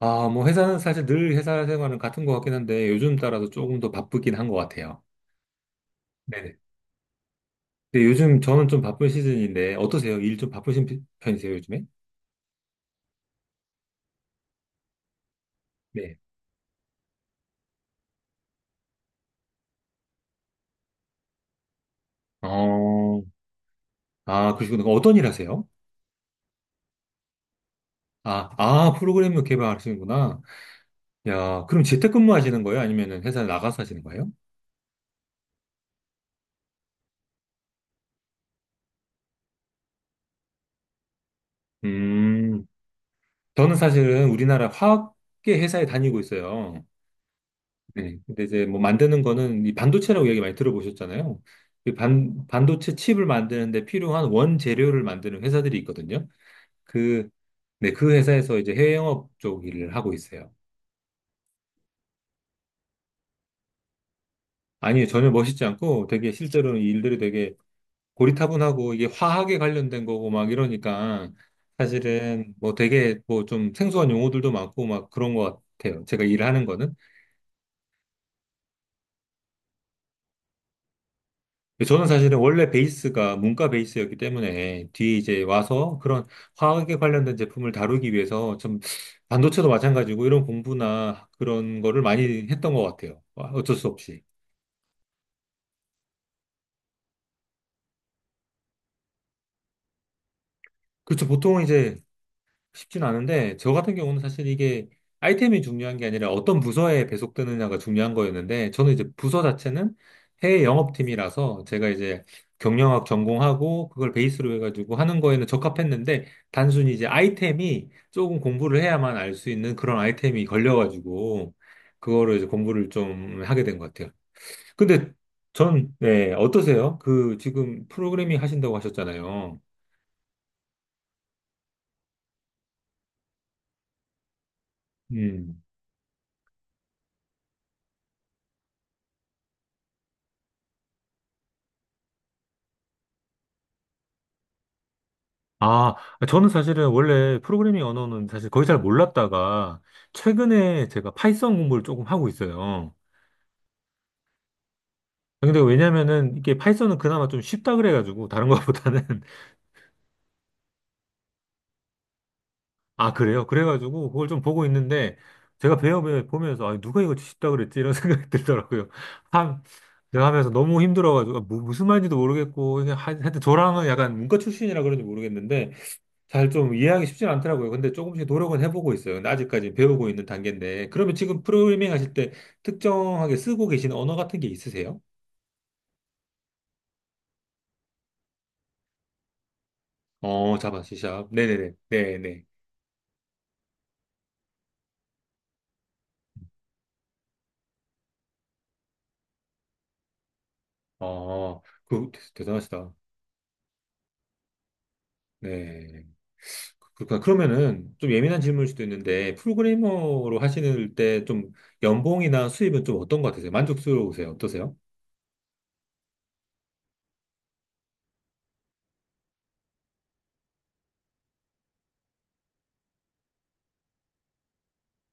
아, 뭐 회사는 사실 늘 회사 생활은 같은 것 같긴 한데 요즘 따라서 조금 더 바쁘긴 한 것 같아요. 네네. 근데 요즘 저는 좀 바쁜 시즌인데 어떠세요? 일 좀 바쁘신 편이세요, 요즘에? 네. 어, 아, 그러시구나. 어떤 일 하세요? 아, 아, 프로그램을 개발하시는구나. 야, 그럼 재택근무 하시는 거예요? 아니면 회사 나가서 하시는 거예요? 음, 저는 사실은 우리나라 화학계 회사에 다니고 있어요. 네. 근데 이제 뭐 만드는 거는 이 반도체라고 얘기 많이 들어보셨잖아요. 이 반도체 칩을 만드는데 필요한 원재료를 만드는 회사들이 있거든요. 그, 네, 그 회사에서 이제 해외 영업 쪽 일을 하고 있어요. 아니, 전혀 멋있지 않고 되게 실제로는 이 일들이 되게 고리타분하고 이게 화학에 관련된 거고 막 이러니까 사실은 뭐 되게 뭐 좀 생소한 용어들도 많고 막 그런 것 같아요. 제가 일하는 거는. 저는 사실은 원래 베이스가 문과 베이스였기 때문에 뒤에 이제 와서 그런 화학에 관련된 제품을 다루기 위해서 좀 반도체도 마찬가지고 이런 공부나 그런 거를 많이 했던 것 같아요. 와, 어쩔 수 없이. 그렇죠. 보통은 이제 쉽진 않은데, 저 같은 경우는 사실 이게 아이템이 중요한 게 아니라 어떤 부서에 배속되느냐가 중요한 거였는데, 저는 이제 부서 자체는 해외 영업팀이라서 제가 이제 경영학 전공하고 그걸 베이스로 해가지고 하는 거에는 적합했는데, 단순히 이제 아이템이 조금 공부를 해야만 알 수 있는 그런 아이템이 걸려가지고, 그거를 이제 공부를 좀 하게 된 것 같아요. 근데 전, 네, 어떠세요? 그 지금 프로그래밍 하신다고 하셨잖아요. 음. 아, 저는 사실은 원래 프로그래밍 언어는 사실 거의 잘 몰랐다가 최근에 제가 파이썬 공부를 조금 하고 있어요. 근데 왜냐면은 이게 파이썬은 그나마 좀 쉽다 그래가지고 다른 것보다는 아, 그래요? 그래가지고 그걸 좀 보고 있는데 제가 배워보면서 아, 누가 이거 쉽다 그랬지? 이런 생각이 들더라고요. 한, 제가 하면서 너무 힘들어가지고 아, 무슨 말인지도 모르겠고 그냥 하여튼 저랑은 약간 문과 출신이라 그런지 모르겠는데 잘 좀 이해하기 쉽진 않더라고요. 근데 조금씩 노력은 해보고 있어요. 근데 아직까지 배우고 있는 단계인데. 그러면 지금 프로그래밍 하실 때 특정하게 쓰고 계신 언어 같은 게 있으세요? 어, 자바, C샵. 네네네. 네네. 어, 그, 대단하시다. 네. 그, 그렇구나. 그러면은 좀 예민한 질문일 수도 있는데, 프로그래머로 하시는 때 좀 연봉이나 수입은 좀 어떤 것 같으세요? 만족스러우세요? 어떠세요?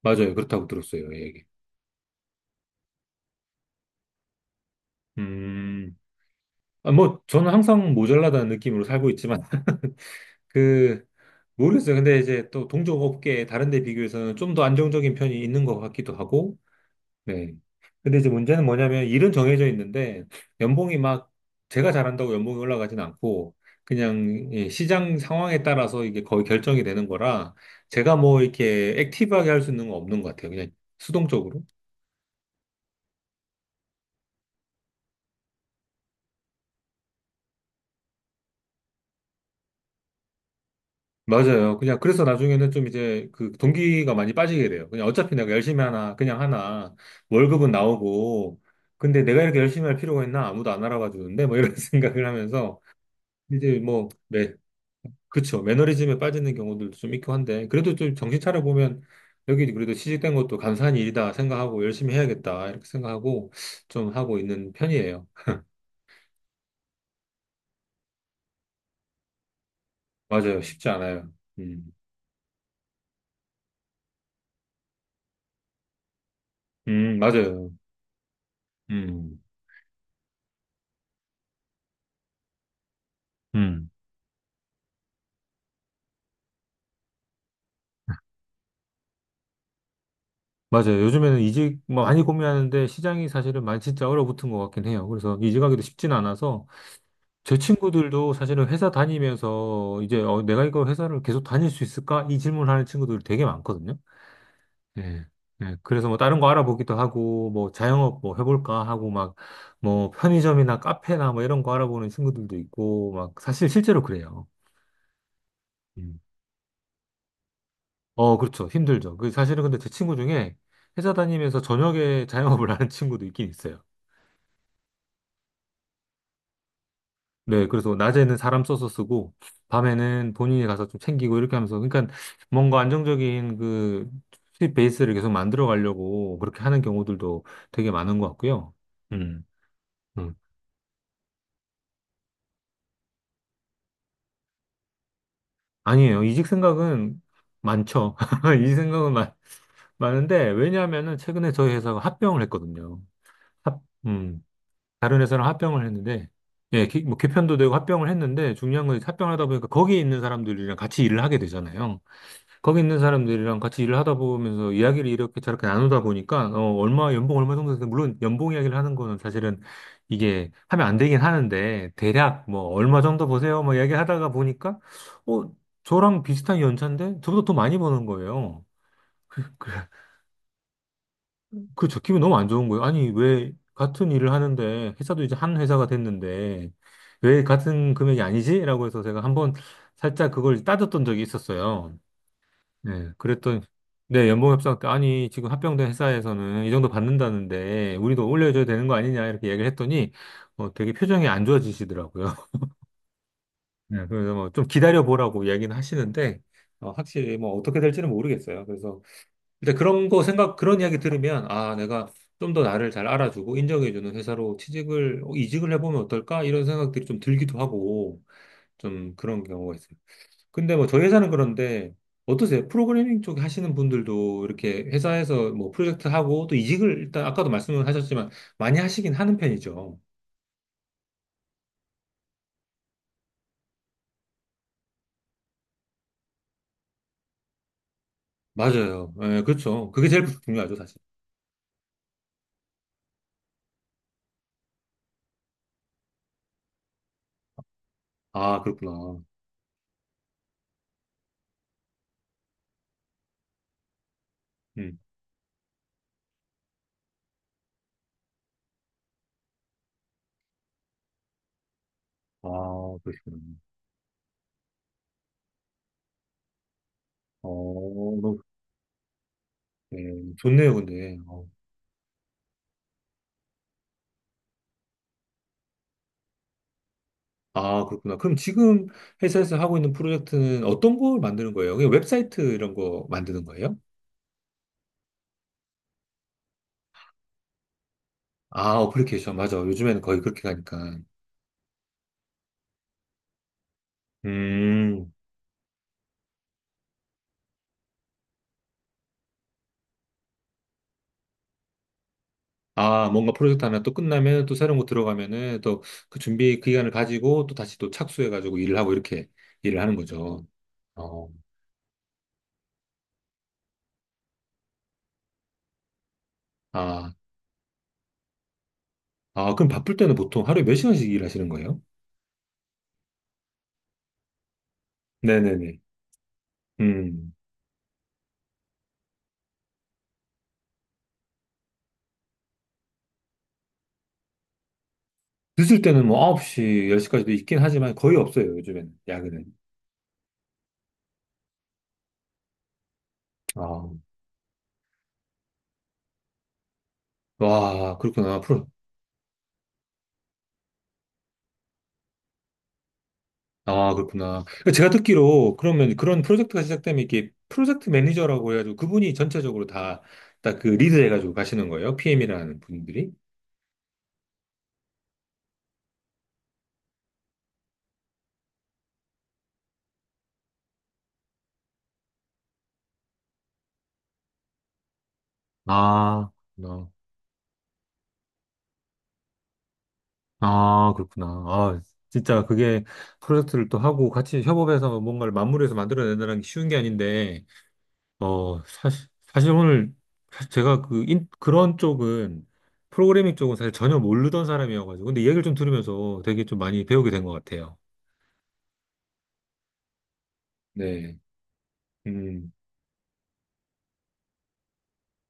맞아요. 그렇다고 들었어요. 예, 얘기. 음, 아, 뭐, 저는 항상 모자라다는 느낌으로 살고 있지만, 그, 모르겠어요. 근데 이제 또 동종 업계 다른 데 비교해서는 좀 더 안정적인 편이 있는 것 같기도 하고, 네. 근데 이제 문제는 뭐냐면 일은 정해져 있는데 연봉이 막 제가 잘한다고 연봉이 올라가진 않고 그냥 예, 시장 상황에 따라서 이게 거의 결정이 되는 거라 제가 뭐 이렇게 액티브하게 할 수 있는 건 없는 것 같아요. 그냥 수동적으로. 맞아요. 그냥 그래서 나중에는 좀 이제 그 동기가 많이 빠지게 돼요. 그냥 어차피 내가 열심히 하나, 그냥 하나, 월급은 나오고, 근데 내가 이렇게 열심히 할 필요가 있나? 아무도 안 알아봐 주는데, 뭐 이런 생각을 하면서, 이제 뭐, 네, 그쵸. 매너리즘에 빠지는 경우들도 좀 있고 한데, 그래도 좀 정신 차려보면, 여기 그래도 취직된 것도 감사한 일이다 생각하고, 열심히 해야겠다, 이렇게 생각하고, 좀 하고 있는 편이에요. 맞아요. 쉽지 않아요. 음, 맞아요. 음, 음. 맞아요. 요즘에는 이직 뭐 많이 고민하는데 시장이 사실은 많이 진짜 얼어붙은 것 같긴 해요. 그래서 이직하기도 쉽진 않아서 제 친구들도 사실은 회사 다니면서 이제 어, 내가 이거 회사를 계속 다닐 수 있을까? 이 질문하는 친구들이 되게 많거든요. 예. 예. 그래서 뭐 다른 거 알아보기도 하고 뭐 자영업 뭐 해볼까 하고 막 뭐 편의점이나 카페나 뭐 이런 거 알아보는 친구들도 있고 막 사실 실제로 그래요. 음. 어, 그렇죠. 힘들죠. 그 사실은 근데 제 친구 중에 회사 다니면서 저녁에 자영업을 하는 친구도 있긴 있어요. 네, 그래서 낮에는 사람 써서 쓰고, 밤에는 본인이 가서 좀 챙기고 이렇게 하면서, 그러니까 뭔가 안정적인 그 수입 베이스를 계속 만들어 가려고 그렇게 하는 경우들도 되게 많은 것 같고요. 음, 음. 아니에요. 이직 생각은 많죠. 이직 생각은 많은데, 왜냐하면은 최근에 저희 회사가 합병을 했거든요. 합, 음, 다른 회사랑 합병을 했는데, 예, 뭐 개편도 되고 합병을 했는데, 중요한 건 합병하다 보니까 거기에 있는 사람들이랑 같이 일을 하게 되잖아요. 거기 있는 사람들이랑 같이 일을 하다 보면서 이야기를 이렇게 저렇게 나누다 보니까 어 얼마 연봉 얼마 정도 되는데 물론 연봉 이야기를 하는 거는 사실은 이게 하면 안 되긴 하는데 대략 뭐 얼마 정도 보세요 뭐 이야기하다가 보니까 어 저랑 비슷한 연차인데 저보다 더 많이 버는 거예요. 그래 그저 기분 너무 안 좋은 거예요. 아니 왜 같은 일을 하는데 회사도 이제 한 회사가 됐는데 왜 같은 금액이 아니지? 라고 해서 제가 한번 살짝 그걸 따졌던 적이 있었어요. 네, 그랬더니, 네, 연봉 협상 때, 아니, 지금 합병된 회사에서는 이 정도 받는다는데, 우리도 올려줘야 되는 거 아니냐, 이렇게 얘기를 했더니, 어, 되게 표정이 안 좋아지시더라고요. 네, 그래서 뭐 좀 기다려보라고 얘기는 하시는데, 어, 확실히 뭐 어떻게 될지는 모르겠어요. 그래서, 일단 그런 거 생각, 그런 이야기 들으면, 아, 내가 좀 더 나를 잘 알아주고 인정해주는 회사로 취직을, 어, 이직을 해보면 어떨까? 이런 생각들이 좀 들기도 하고, 좀 그런 경우가 있어요. 근데 뭐 저희 회사는 그런데 어떠세요? 프로그래밍 쪽 하시는 분들도 이렇게 회사에서 뭐 프로젝트 하고 또 이직을 일단 아까도 말씀을 하셨지만 많이 하시긴 하는 편이죠. 맞아요. 예, 그렇죠. 그게 제일 중요하죠, 사실. 아, 그렇구나. 음. 아, 그러시구나. 어, 너무, 예, 좋네요, 근데. 어. 아, 그렇구나. 그럼 지금 회사에서 하고 있는 프로젝트는 어떤 걸 만드는 거예요? 그냥 웹사이트 이런 거 만드는 거예요? 아, 어플리케이션. 맞아. 요즘에는 거의 그렇게 가니까. 음. 아, 뭔가 프로젝트 하나 또 끝나면 또 새로운 거 들어가면은 또 그 준비 기간을 가지고 또 다시 또 착수해가지고 일을 하고 이렇게 일을 하는 거죠. 어, 아, 아, 그럼 바쁠 때는 보통 하루에 몇 시간씩 일하시는 거예요? 네네네. 음, 늦을 때는 뭐 9시, 10시까지도 있긴 하지만 거의 없어요, 요즘에는, 야근은. 아, 와, 그렇구나. 아, 그렇구나. 그러니까 제가 듣기로 그러면 그런 프로젝트가 시작되면 이게 프로젝트 매니저라고 해가지고 그분이 전체적으로 다 딱 그 리드 해가지고 가시는 거예요? PM이라는 분들이? 아, 그렇구나. 아, 그렇구나. 아, 진짜 그게 프로젝트를 또 하고 같이 협업해서 뭔가를 마무리해서 만들어내는 게 쉬운 게 아닌데, 어, 사실 오늘 사실 제가 그, 인, 그런 쪽은 프로그래밍 쪽은 사실 전혀 모르던 사람이어가지고, 근데 얘기를 좀 들으면서 되게 좀 많이 배우게 된 것 같아요. 네. 음.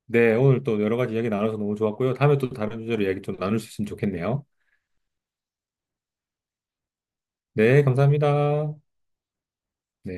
네, 오늘 또 여러 가지 이야기 나눠서 너무 좋았고요. 다음에 또 다른 주제로 이야기 좀 나눌 수 있으면 좋겠네요. 네, 감사합니다. 네.